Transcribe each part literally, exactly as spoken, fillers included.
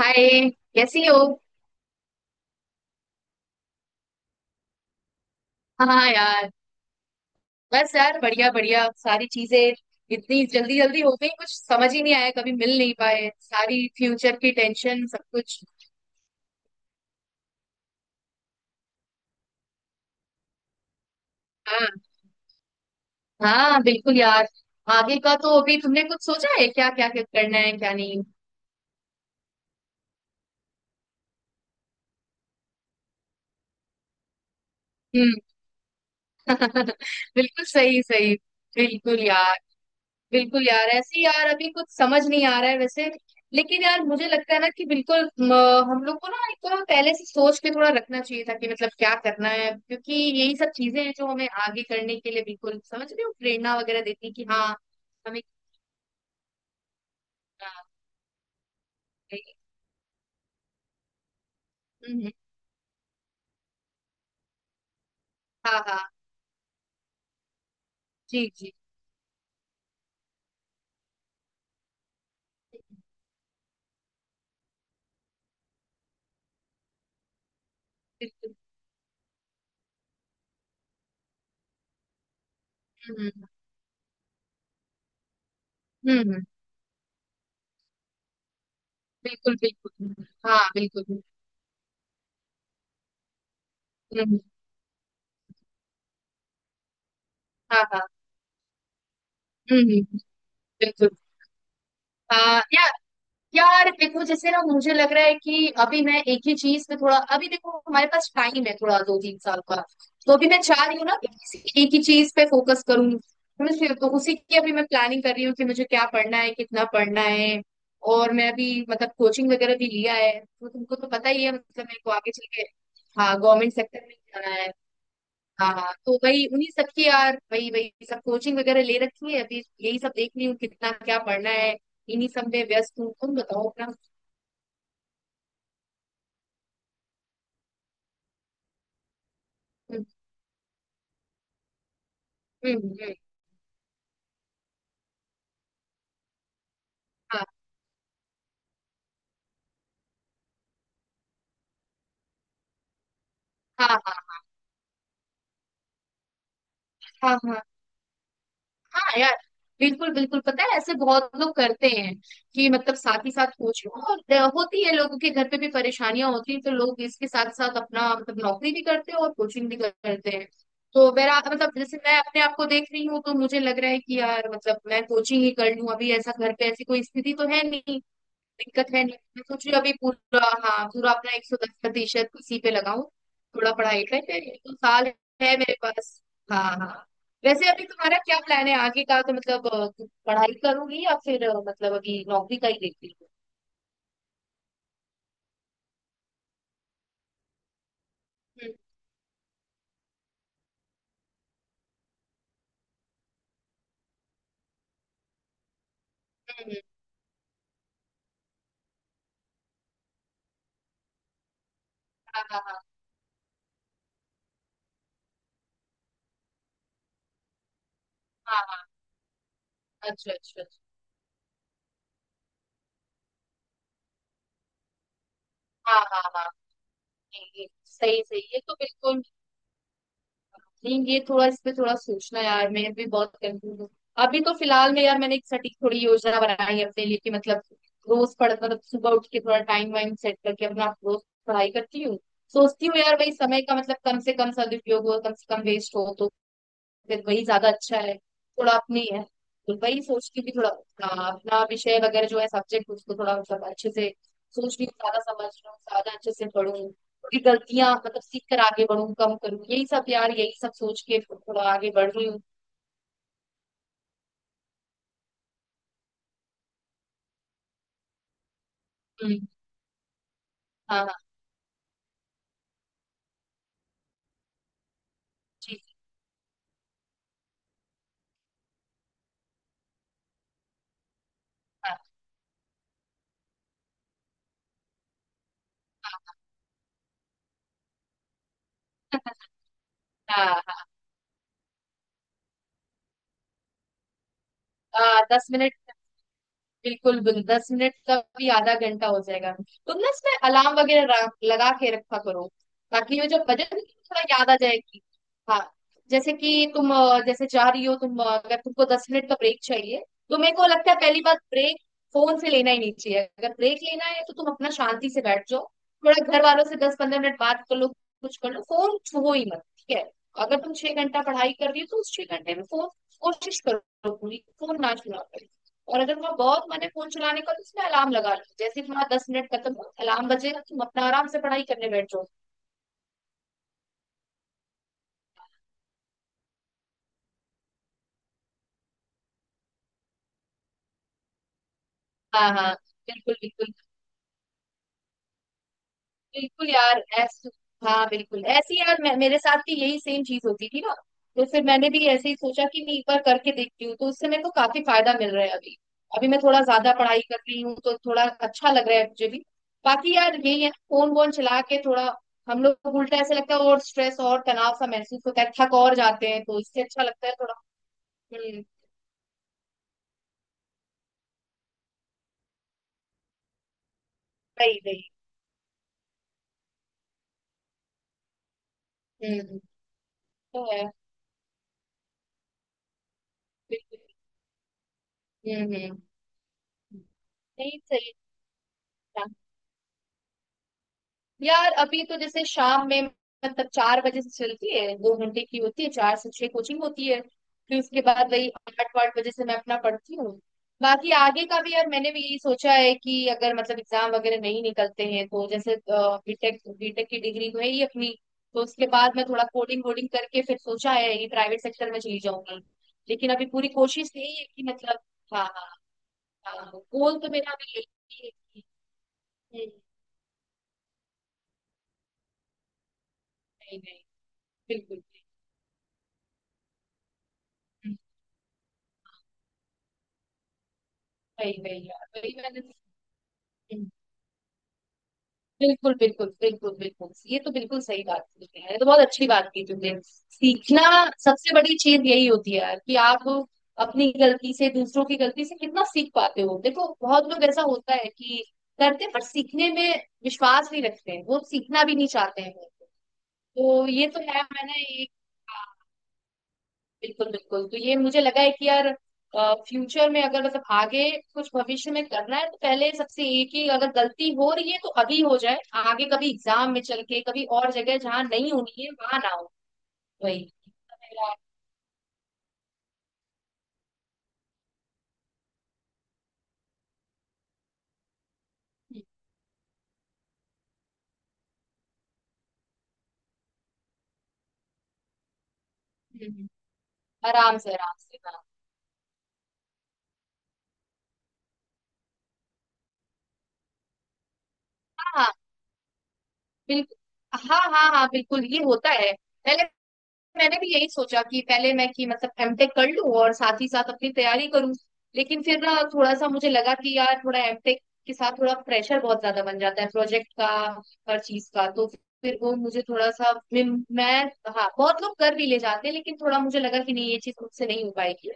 हाय, कैसी हो? हाँ यार, बस यार बढ़िया बढ़िया। सारी चीजें इतनी जल्दी जल्दी हो गई, कुछ समझ ही नहीं आया, कभी मिल नहीं पाए, सारी फ्यूचर की टेंशन, सब कुछ। हाँ हाँ, बिल्कुल यार। आगे का तो अभी तुमने कुछ सोचा है क्या? क्या क्या करना है, क्या नहीं? हम्म। बिल्कुल सही सही। बिल्कुल यार। बिल्कुल यार, ऐसे ही यार, अभी कुछ समझ नहीं आ रहा है वैसे। लेकिन यार मुझे लगता है ना कि बिल्कुल म, हम लोग को ना एक थोड़ा पहले से सोच के थोड़ा रखना चाहिए था कि मतलब क्या करना है, क्योंकि यही सब चीजें हैं जो हमें आगे करने के लिए, बिल्कुल समझ रहे हो, प्रेरणा वगैरह देती है कि हाँ हमें। हाँ, हम्म, हम्म। हाँ हाँ, जी जी, बिल्कुल। हम्म हम्म, हम्म, हम्म। बिल्कुल बिल्कुल, हम्म। हाँ, बिल्कुल। हम्म हम्म, हाँ हाँ। हम्म हम्म, बिल्कुल। हाँ यार। यार देखो, जैसे ना मुझे लग रहा है कि अभी मैं एक ही चीज पे थोड़ा, अभी देखो हमारे पास टाइम है, थोड़ा दो तीन साल का। तो अभी मैं चाह रही हूँ ना कि किसी एक ही चीज पे फोकस करूँ, समझ रही हो? तो उसी की अभी मैं प्लानिंग कर रही हूँ कि मुझे क्या पढ़ना है, कितना पढ़ना है। और मैं अभी मतलब कोचिंग वगैरह भी लिया है, तो तुमको तो पता ही है, मतलब मेरे को आगे चल के हाँ, गवर्नमेंट सेक्टर में जाना है। हाँ हाँ, तो वही उन्हीं सब की यार, वही वही सब कोचिंग वगैरह ले रखी है। अभी यही सब देख रही हूँ, कितना क्या पढ़ना है। इन्हीं सब में व्यस्त हूँ, तुम बताओ अपना। हम्म हम्म, हम्म, हाँ हाँ हाँ हाँ। हाँ हाँ यार, बिल्कुल बिल्कुल, पता है ऐसे बहुत लोग करते हैं कि मतलब साथ ही साथ कोचिंग और अ, होती है, लोगों के घर पे भी परेशानियां होती हैं, तो लोग इसके साथ साथ अपना मतलब नौकरी भी करते हैं और कोचिंग भी करते हैं। तो मेरा मतलब जैसे मैं अपने आप को देख रही हूँ, तो मुझे लग रहा है कि यार मतलब मैं कोचिंग ही कर लूँ अभी, ऐसा घर पे ऐसी कोई स्थिति तो है नहीं, दिक्कत है नहीं। मैं सोच रही हूँ अभी पूरा, हाँ पूरा अपना एक सौ दस प्रतिशत इसी पे लगाऊं, थोड़ा पढ़ाई पे, ये तो साल है मेरे पास। हाँ हाँ। वैसे अभी तुम्हारा क्या प्लान है आगे का? तो मतलब अ, पढ़ाई करूंगी या फिर अ, मतलब अभी नौकरी का ही देख रही हूँ। हम्म, हम्म, हम्म, हाँ हाँ हाँ हाँ हाँ। अच्छा अच्छा अच्छा। हाँ हाँ हाँ। ये- ये सही सही है तो, बिल्कुल। नहीं ये थोड़ा, इस पे थोड़ा सोचना, यार मैं भी बहुत कंफ्यूज हूँ अभी। तो फिलहाल में यार मैंने एक सटीक थोड़ी योजना बनाई है अपने लिए कि मतलब रोज पढ़ मतलब सुबह उठ के थोड़ा टाइम वाइम सेट करके अपना रोज पढ़ाई करती हूँ। सोचती हूँ यार भाई, समय का मतलब कम से कम सदुपयोग हो, कम से कम वेस्ट हो, तो फिर वही ज्यादा अच्छा है। थोड़ा अपनी है, तो वही सोचती हूँ कि थोड़ा अपना अपना विषय वगैरह जो है, सब्जेक्ट उसको थोड़ा मतलब अच्छे से सोच रही हूँ, ज्यादा समझ रही हूँ, ज्यादा अच्छे से पढ़ूँ, थोड़ी गलतियां मतलब सीख कर आगे बढ़ूँ, कम करूँ, यही सब यार, यही सब सोच के थोड़ा आगे बढ़ रही हूँ। हम्म, हाँ हाँ, ठीक है, हाँ हाँ हाँ। हाँ दस मिनट, बिल्कुल बिल्कुल, दस मिनट का भी आधा घंटा हो जाएगा। तुम ना इसमें अलार्म वगैरह रा- लगा के रखा करो, ताकि वो जो बजट है, थोड़ा याद आ जाएगी। हाँ, जैसे कि तुम अ, जैसे जा रही हो तुम, अ, अगर तुमको दस मिनट का ब्रेक चाहिए, तो मेरे को लगता है पहली बात ब्रेक फोन से लेना ही नहीं चाहिए। अगर ब्रेक लेना है तो तुम अपना शांति से बैठ जाओ, थोड़ा घर वालों से दस पंद्रह मिनट बात कर लो, कुछ कर लो, फोन छुओ ही मत, ठीक है? अगर तुम छह घंटा पढ़ाई कर रही हो, तो उस छह घंटे में फोन, कोशिश करो पूरी, फोन ना छुआ करो। और अगर वहाँ बहुत मन है फोन चलाने का, तो उसमें अलार्म लगा लो, जैसे ही तुम्हारा दस मिनट खत्म हो, अलार्म बजेगा, तुम अपना आराम से पढ़ाई करने बैठ जाओ। हाँ हाँ, बिल्कुल बिल्कुल बिल्कुल यार ऐस हाँ बिल्कुल, ऐसी यार, मैं, मेरे साथ भी यही सेम चीज होती थी ना, तो फिर मैंने भी ऐसे ही सोचा कि मैं एक बार करके देखती हूँ, तो उससे मेरे को काफी फायदा मिल रहा है अभी। अभी मैं थोड़ा ज्यादा पढ़ाई कर रही हूँ, तो थोड़ा अच्छा लग रहा है मुझे भी। बाकी यार यही है, फोन वोन चला के थोड़ा हम लोग को उल्टा ऐसा लगता है, और स्ट्रेस और तनाव सा महसूस होता है, थक और जाते हैं, तो इससे अच्छा लगता है। हम्म, सही सही, हम्म, तो है, बिल्कुल। हम्म हम्म। नहीं सही यार, अभी तो जैसे शाम में मतलब चार बजे से चलती है, दो घंटे की होती है, चार से छह कोचिंग होती है। फिर उसके बाद वही आठ वाठ बजे से मैं अपना पढ़ती हूँ। बाकी आगे का भी यार मैंने भी यही सोचा है कि अगर मतलब एग्जाम वगैरह नहीं निकलते हैं, तो जैसे बीटेक बीटेक की डिग्री तो है ही अपनी, तो उसके बाद मैं थोड़ा कोडिंग वोडिंग करके फिर सोचा है कि प्राइवेट सेक्टर में चली जाऊंगी। लेकिन अभी पूरी कोशिश यही है कि मतलब हाँ हाँ हाँ, गोल तो मेरा अभी यही है कि- हम्म, नहीं नहीं बिल्कुल। वही वही यार, वही मैंने तो हम्म, बिल्कुल बिल्कुल बिल्कुल बिल्कुल। ये तो बिल्कुल सही बात की तुमने, ये तो बहुत अच्छी बात की तुमने। सीखना सबसे बड़ी चीज यही होती है यार, कि आप अपनी गलती से, दूसरों की गलती से कितना सीख पाते हो। देखो बहुत लोग, ऐसा होता है कि करते हैं, पर सीखने में विश्वास नहीं रखते हैं, वो सीखना भी नहीं चाहते हैं, तो ये तो है। मैंने एक, बिल्कुल बिल्कुल, तो ये मुझे लगा है कि यार फ्यूचर में अगर मतलब आगे कुछ भविष्य में करना है, तो पहले सबसे, एक ही अगर गलती हो रही है तो अभी हो जाए, आगे कभी एग्जाम में चल के, कभी और जगह जहाँ नहीं होनी है वहां ना हो। वही मेरा- हम्म, हम्म, आराम से आराम से, हाँ हाँ हाँ, बिल्कुल। हाँ हाँ हाँ बिल्कुल ये होता है। पहले मैंने भी यही सोचा कि पहले मैं कि मतलब एमटेक कर लूं और साथ ही साथ अपनी तैयारी करूं। लेकिन फिर ना थोड़ा सा मुझे लगा कि यार थोड़ा एमटेक के साथ थोड़ा प्रेशर बहुत ज्यादा बन जाता है, प्रोजेक्ट का, हर चीज का। तो फिर वो मुझे थोड़ा सा मैं मैं- हाँ बहुत लोग कर भी ले जाते हैं, लेकिन थोड़ा मुझे लगा कि नहीं ये चीज मुझसे नहीं हो पाएगी।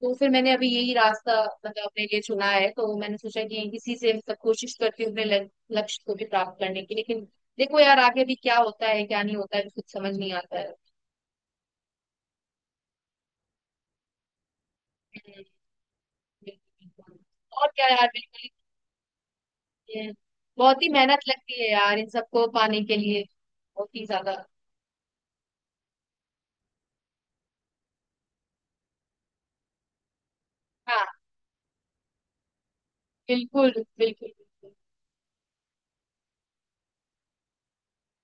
तो फिर मैंने अभी यही रास्ता मतलब अपने लिए चुना है, तो मैंने सोचा कि इसी से सब कोशिश करती हूँ अपने लक- लक्ष्य को भी प्राप्त करने की, लेकिन देखो यार आगे भी क्या होता है, क्या नहीं होता है, कुछ समझ नहीं आता है। बिल्कुल। और क्या यार, बिल्कुल ही नहीं है। बहुत ही मेहनत लगती है यार, इन सबको पाने के लिए, बहुत ही ज्यादा। हाँ बिल्कुल बिल्कुल बिल्कुल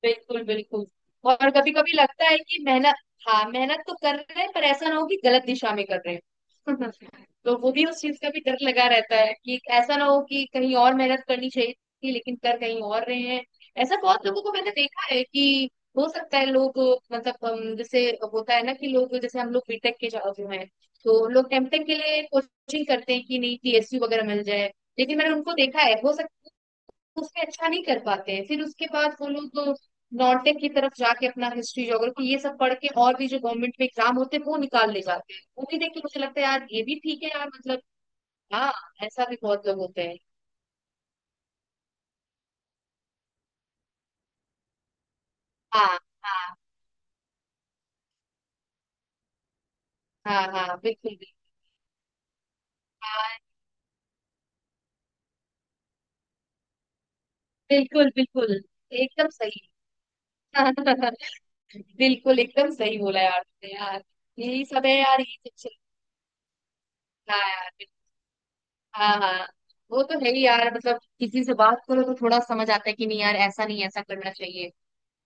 बिल्कुल बिल्कुल। और कभी कभी लगता है कि मेहनत, हाँ मेहनत तो कर रहे हैं, पर ऐसा ना हो कि गलत दिशा में कर रहे हैं। तो वो भी, उस चीज का भी डर लगा रहता है कि ऐसा ना हो कि कहीं और मेहनत करनी चाहिए थी लेकिन कर कहीं और रहे हैं। ऐसा बहुत लोगों को मैंने देखा है कि हो सकता है लोग मतलब हम, जैसे होता है ना कि लोग, जैसे हम लोग बीटेक के जो जो हैं, तो लोग एमटेक के लिए कोचिंग करते हैं कि नहीं पी एस यू वगैरह मिल जाए। लेकिन मैंने उनको देखा है, हो सकता उसमें अच्छा नहीं कर पाते हैं, फिर उसके बाद वो लोग नॉर्टेक की तरफ जाके अपना हिस्ट्री ज्योग्राफी ये सब पढ़ के, और भी जो गवर्नमेंट में एग्जाम होते हैं वो निकाल ले जाते हैं। वो भी देख के मुझे लगता है यार, ये भी ठीक है यार मतलब, हाँ ऐसा भी बहुत लोग होते हैं। हाँ हाँ हाँ हाँ, बिल्कुल बिल्कुल। हाँ, बिल्कुल बिल्कुल एकदम सही। बिल्कुल एकदम सही बोला यार तुमने यार। यही सब है यार, ये सब चल हाँ यार, बिल्कुल। हाँ हाँ, वो तो है ही यार मतलब, किसी से बात करो तो थोड़ा समझ आता है कि नहीं यार, ऐसा नहीं ऐसा करना चाहिए,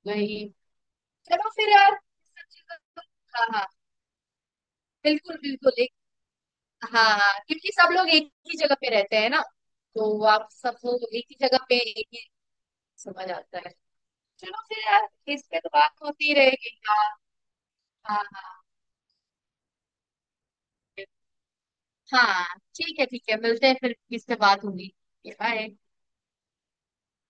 वही। चलो फिर यार, सब चीजों- हाँ हाँ बिल्कुल बिल्कुल एक, हाँ हाँ, क्योंकि सब लोग एक ही जगह पे रहते हैं ना, तो आप सब लोग एक ही जगह पे एक ही, समझ आता है। चलो फिर यार, इस पे तो बात होती रहेगी यार। हाँ हाँ हाँ। ठीक है ठीक है, मिलते हैं फिर, किससे बात होगी। बाय।